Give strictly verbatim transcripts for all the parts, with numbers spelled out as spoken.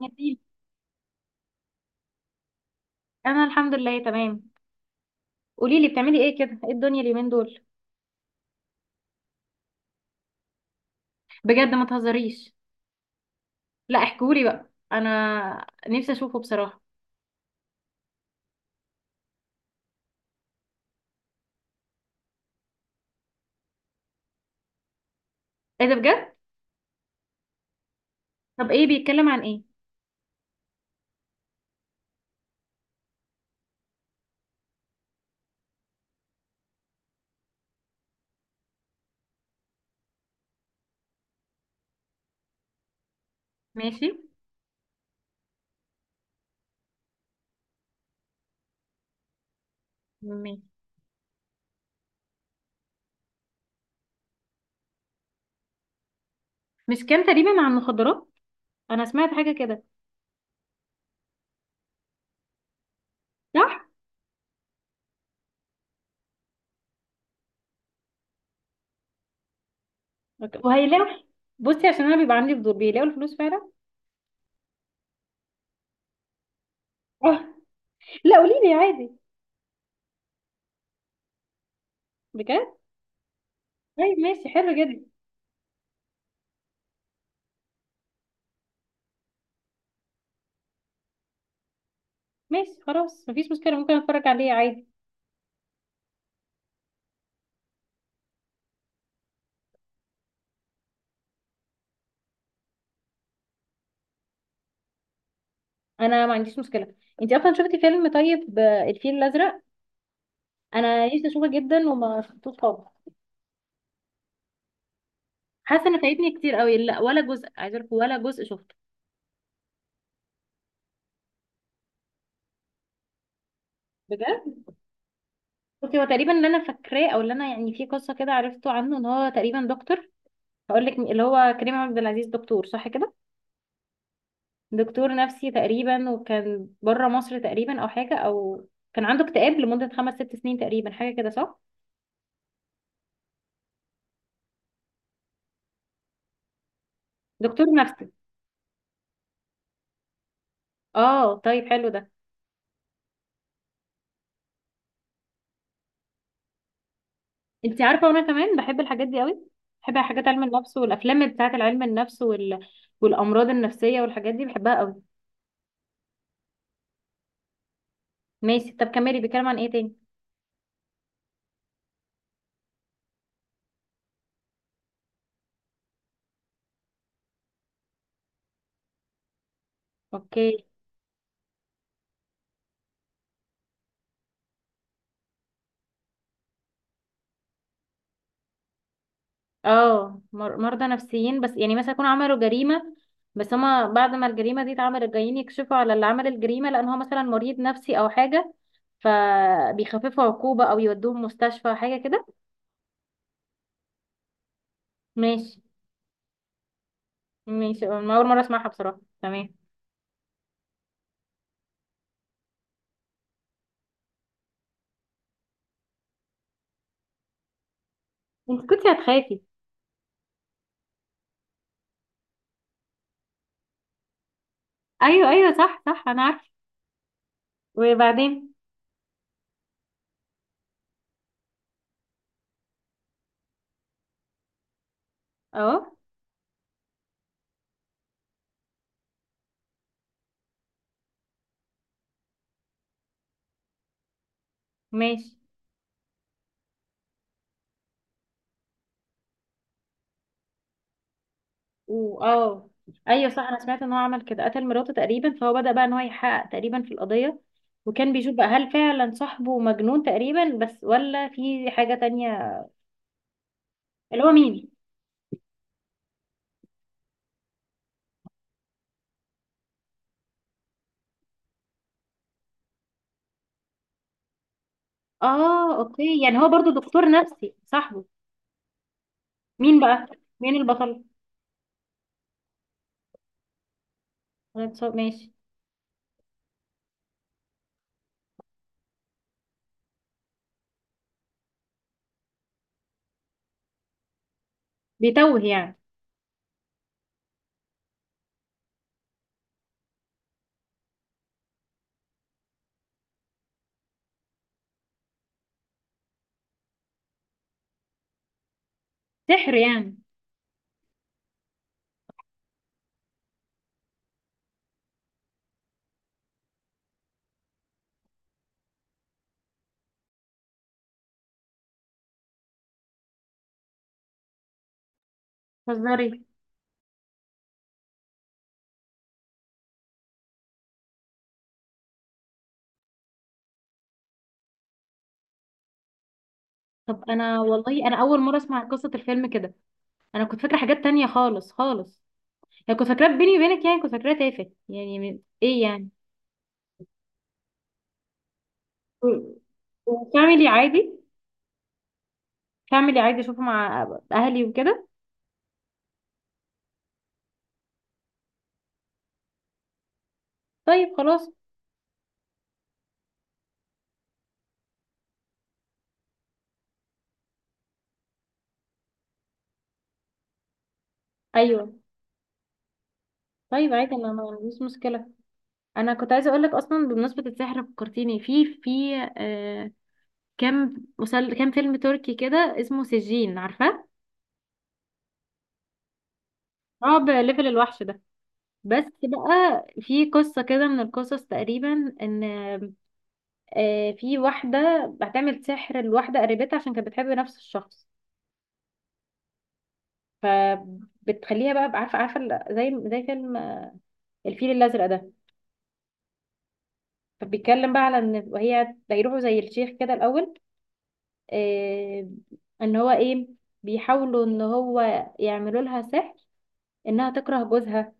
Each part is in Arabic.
جميل. انا الحمد لله تمام. قولي لي بتعملي ايه كده، ايه الدنيا اليومين دول؟ بجد، ما تهزريش. لا احكولي بقى، انا نفسي اشوفه بصراحه. ايه ده بجد؟ طب ايه بيتكلم عن ايه؟ ماشي ماشي. مش كان تقريبا عن المخدرات؟ انا سمعت حاجه كده. صح. وهيلاقوا؟ بصي عشان انا بيبقى عندي فضول، بيلاقوا الفلوس فعلا؟ اه. لا قولي لي عادي. بجد؟ طيب ماشي، حلو جدا. ماشي خلاص، مفيش مشكله، ممكن اتفرج عليه عادي. انا ما عنديش مشكله. انت اصلا شفتي فيلم طيب آه، الفيل الازرق؟ انا نفسي اشوفه جدا وما شفتوش خالص. حاسه ان فايتني كتير قوي، لا ولا جزء، عايزه اقول لك، ولا جزء شفته. بجد؟ بصي، هو تقريبا اللي انا فاكراه، او اللي انا يعني في قصه كده عرفته عنه، ان هو تقريبا دكتور. هقول لك، اللي هو كريم عبد العزيز، دكتور صح كده؟ دكتور نفسي تقريبا، وكان بره مصر تقريبا، او حاجه، او كان عنده اكتئاب لمده خمس ست سنين تقريبا، حاجه كده، صح؟ دكتور نفسي. اه، طيب حلو ده. انت عارفه، وانا كمان بحب الحاجات دي قوي. بحب حاجات علم النفس، والافلام بتاعه العلم النفس، وال... والامراض النفسيه، والحاجات دي بحبها قوي. ماشي، طب كملي، بيتكلم عن ايه تاني؟ اوكي. اه، مر... مرضى نفسيين، بس يعني مثلا يكونوا عملوا جريمه، بس هما بعد ما الجريمه دي اتعملت، جايين يكشفوا على اللي عمل الجريمه، لان هو مثلا مريض نفسي او حاجه، فبيخففوا عقوبه، او يودوهم مستشفى، حاجه كده. ماشي. ماشي، أنا اول مره اسمعها بصراحه، تمام. انت كنتي هتخافي؟ ايوه ايوه، صح صح، انا عارفه. وبعدين؟ اهو. ماشي. واه. ايوه صح، انا سمعت ان هو عمل كده، قتل مراته تقريبا، فهو بدأ بقى ان هو يحقق تقريبا في القضية، وكان بيشوف بقى هل فعلا صاحبه مجنون تقريبا بس، ولا في حاجة تانية. اللي هو مين؟ اه اوكي، يعني هو برضو دكتور نفسي صاحبه؟ مين بقى؟ مين البطل؟ أنا اتص- ماشي. بيتوه يعني. سحر يعني؟ هزاري. طب انا والله، انا اول مرة اسمع قصة الفيلم كده. انا كنت فاكرة حاجات تانية خالص خالص. يعني كنت فاكراه بيني وبينك، يعني كنت فاكراه تافه، يعني من- ايه يعني. و- وفاميلي عادي. فاميلي عادي اشوفه مع اهلي وكده. طيب خلاص. ايوه. طيب عادي، انا ما عنديش مشكله. انا كنت عايزه اقول لك، اصلا بمناسبه السحر فكرتيني في في آه كام مسل... كام فيلم تركي كده، اسمه سجين، عارفاه؟ رعب ليفل الوحش ده. بس بقى في قصه كده من القصص تقريبا، ان آه في واحده هتعمل سحر لواحده قريبتها، عشان كانت بتحب نفس الشخص. ف بتخليها بقى، عارفه عارفه، زي زي فيلم الفيل الازرق ده. فبيتكلم بقى على ان، وهي بيروحوا زي الشيخ كده الاول، آه ان هو ايه، بيحاولوا ان هو يعملوا لها سحر، انها تكره جوزها،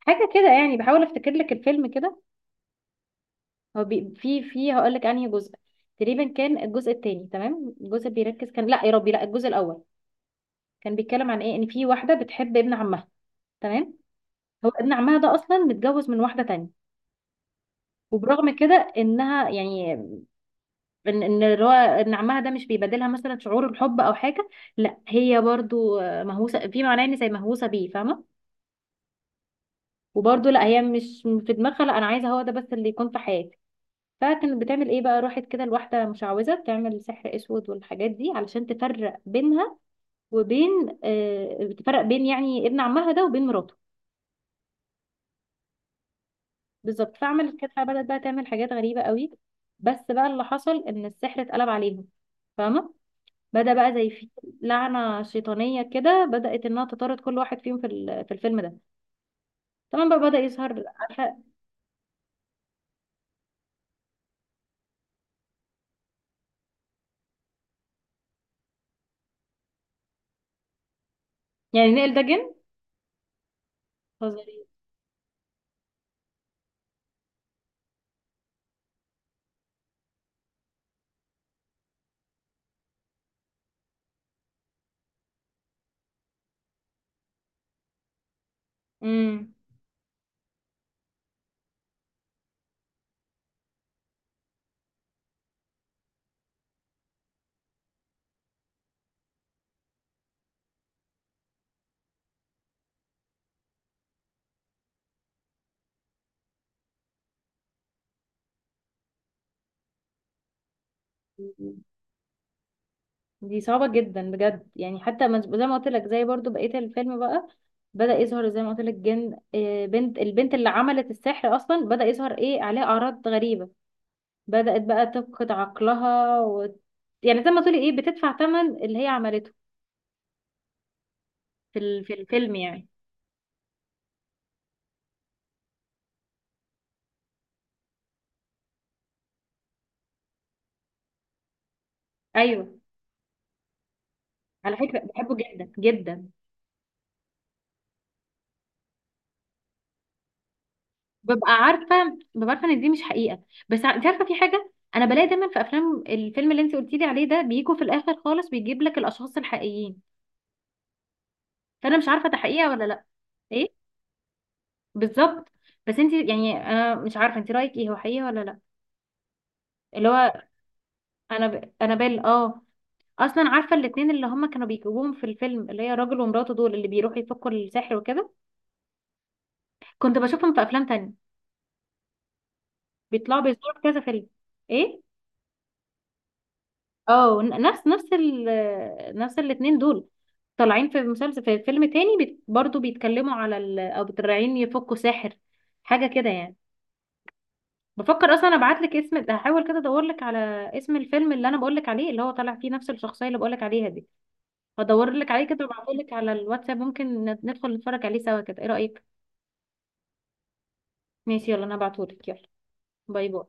حاجه كده يعني. بحاول افتكر لك الفيلم كده. هو بي، في في هقول لك انهي جزء. تقريبا كان الجزء الثاني، تمام الجزء اللي بيركز، كان لا يا ربي، لا الجزء الاول كان بيتكلم عن ايه، ان في واحده بتحب ابن عمها، تمام. هو ابن عمها ده اصلا متجوز من واحده تانية، وبرغم كده انها يعني ان ان اللي هو ان عمها ده مش بيبادلها مثلا شعور الحب او حاجه، لا هي برضو مهووسه في معناه، ان زي مهووسه بيه، فاهمه؟ وبرضو لا هي مش في دماغها، لا انا عايزه هو ده بس اللي يكون في حياتي. فكانت بتعمل ايه بقى، راحت كده لواحده مشعوذه بتعمل سحر اسود والحاجات دي، علشان تفرق بينها وبين، آه بتفرق بين يعني ابن عمها ده وبين مراته. بالظبط. فعملت كده، بدأت بقى تعمل حاجات غريبه قوي. بس بقى اللي حصل، ان السحر اتقلب عليهم، فاهمه؟ بدأ بقى زي في لعنة شيطانية كده، بدأت انها تطارد كل واحد فيهم في ال- في الفيلم ده. طبعا بقى بدأ يظهر، عارفة، يعني نقل ده جن، فظيع. امم دي صعبة جدا بجد، يعني حتى ما- زي ما قلت لك، زي برضو بقية الفيلم بقى، بدأ يظهر زي ما قلت لك جن، آه، بنت البنت اللي عملت السحر أصلا بدأ يظهر ايه عليها أعراض غريبة، بدأت بقى تفقد عقلها و... يعني زي ما تقولي ايه، بتدفع ثمن اللي هي عملته في ال- في الفيلم يعني. ايوه، على فكرة بحبه جدا جدا. ببقى عارفه ببقى عارفه ان دي مش حقيقه، بس ع- انت عارفه، في حاجه انا بلاقي دايما في افلام، الفيلم اللي انت قلتي لي عليه ده بيجوا في الاخر خالص بيجيب لك الاشخاص الحقيقيين، فانا مش عارفه ده حقيقه ولا لا. ايه بالظبط. بس انت يعني، انا مش عارفه انت رايك ايه، هو حقيقه ولا لا، اللي هو انا ب... انا بال اه اصلا عارفه الاتنين اللي هما كانوا بيجيبوهم في الفيلم، اللي هي راجل ومراته دول اللي بيروحوا يفكوا السحر وكده، كنت بشوفهم في افلام تانية، بيطلعوا بيصوروا في كذا فيلم. ايه، اه ن- نفس نفس ال نفس الاتنين دول، طالعين في مسلسل، في فيلم تاني بيت برضو بيتكلموا على ال... او طالعين يفكوا ساحر، حاجة كده يعني. بفكر اصلا ابعت لك اسم، هحاول كده ادور لك على اسم الفيلم اللي انا بقول لك عليه، اللي هو طالع فيه نفس الشخصية اللي بقول لك عليها دي، هدور لك عليه كده وابعته لك على الواتساب، ممكن ندخل نتفرج عليه سوا كده، ايه رأيك؟ ماشي، يلا انا هبعته لك، يلا. باي باي.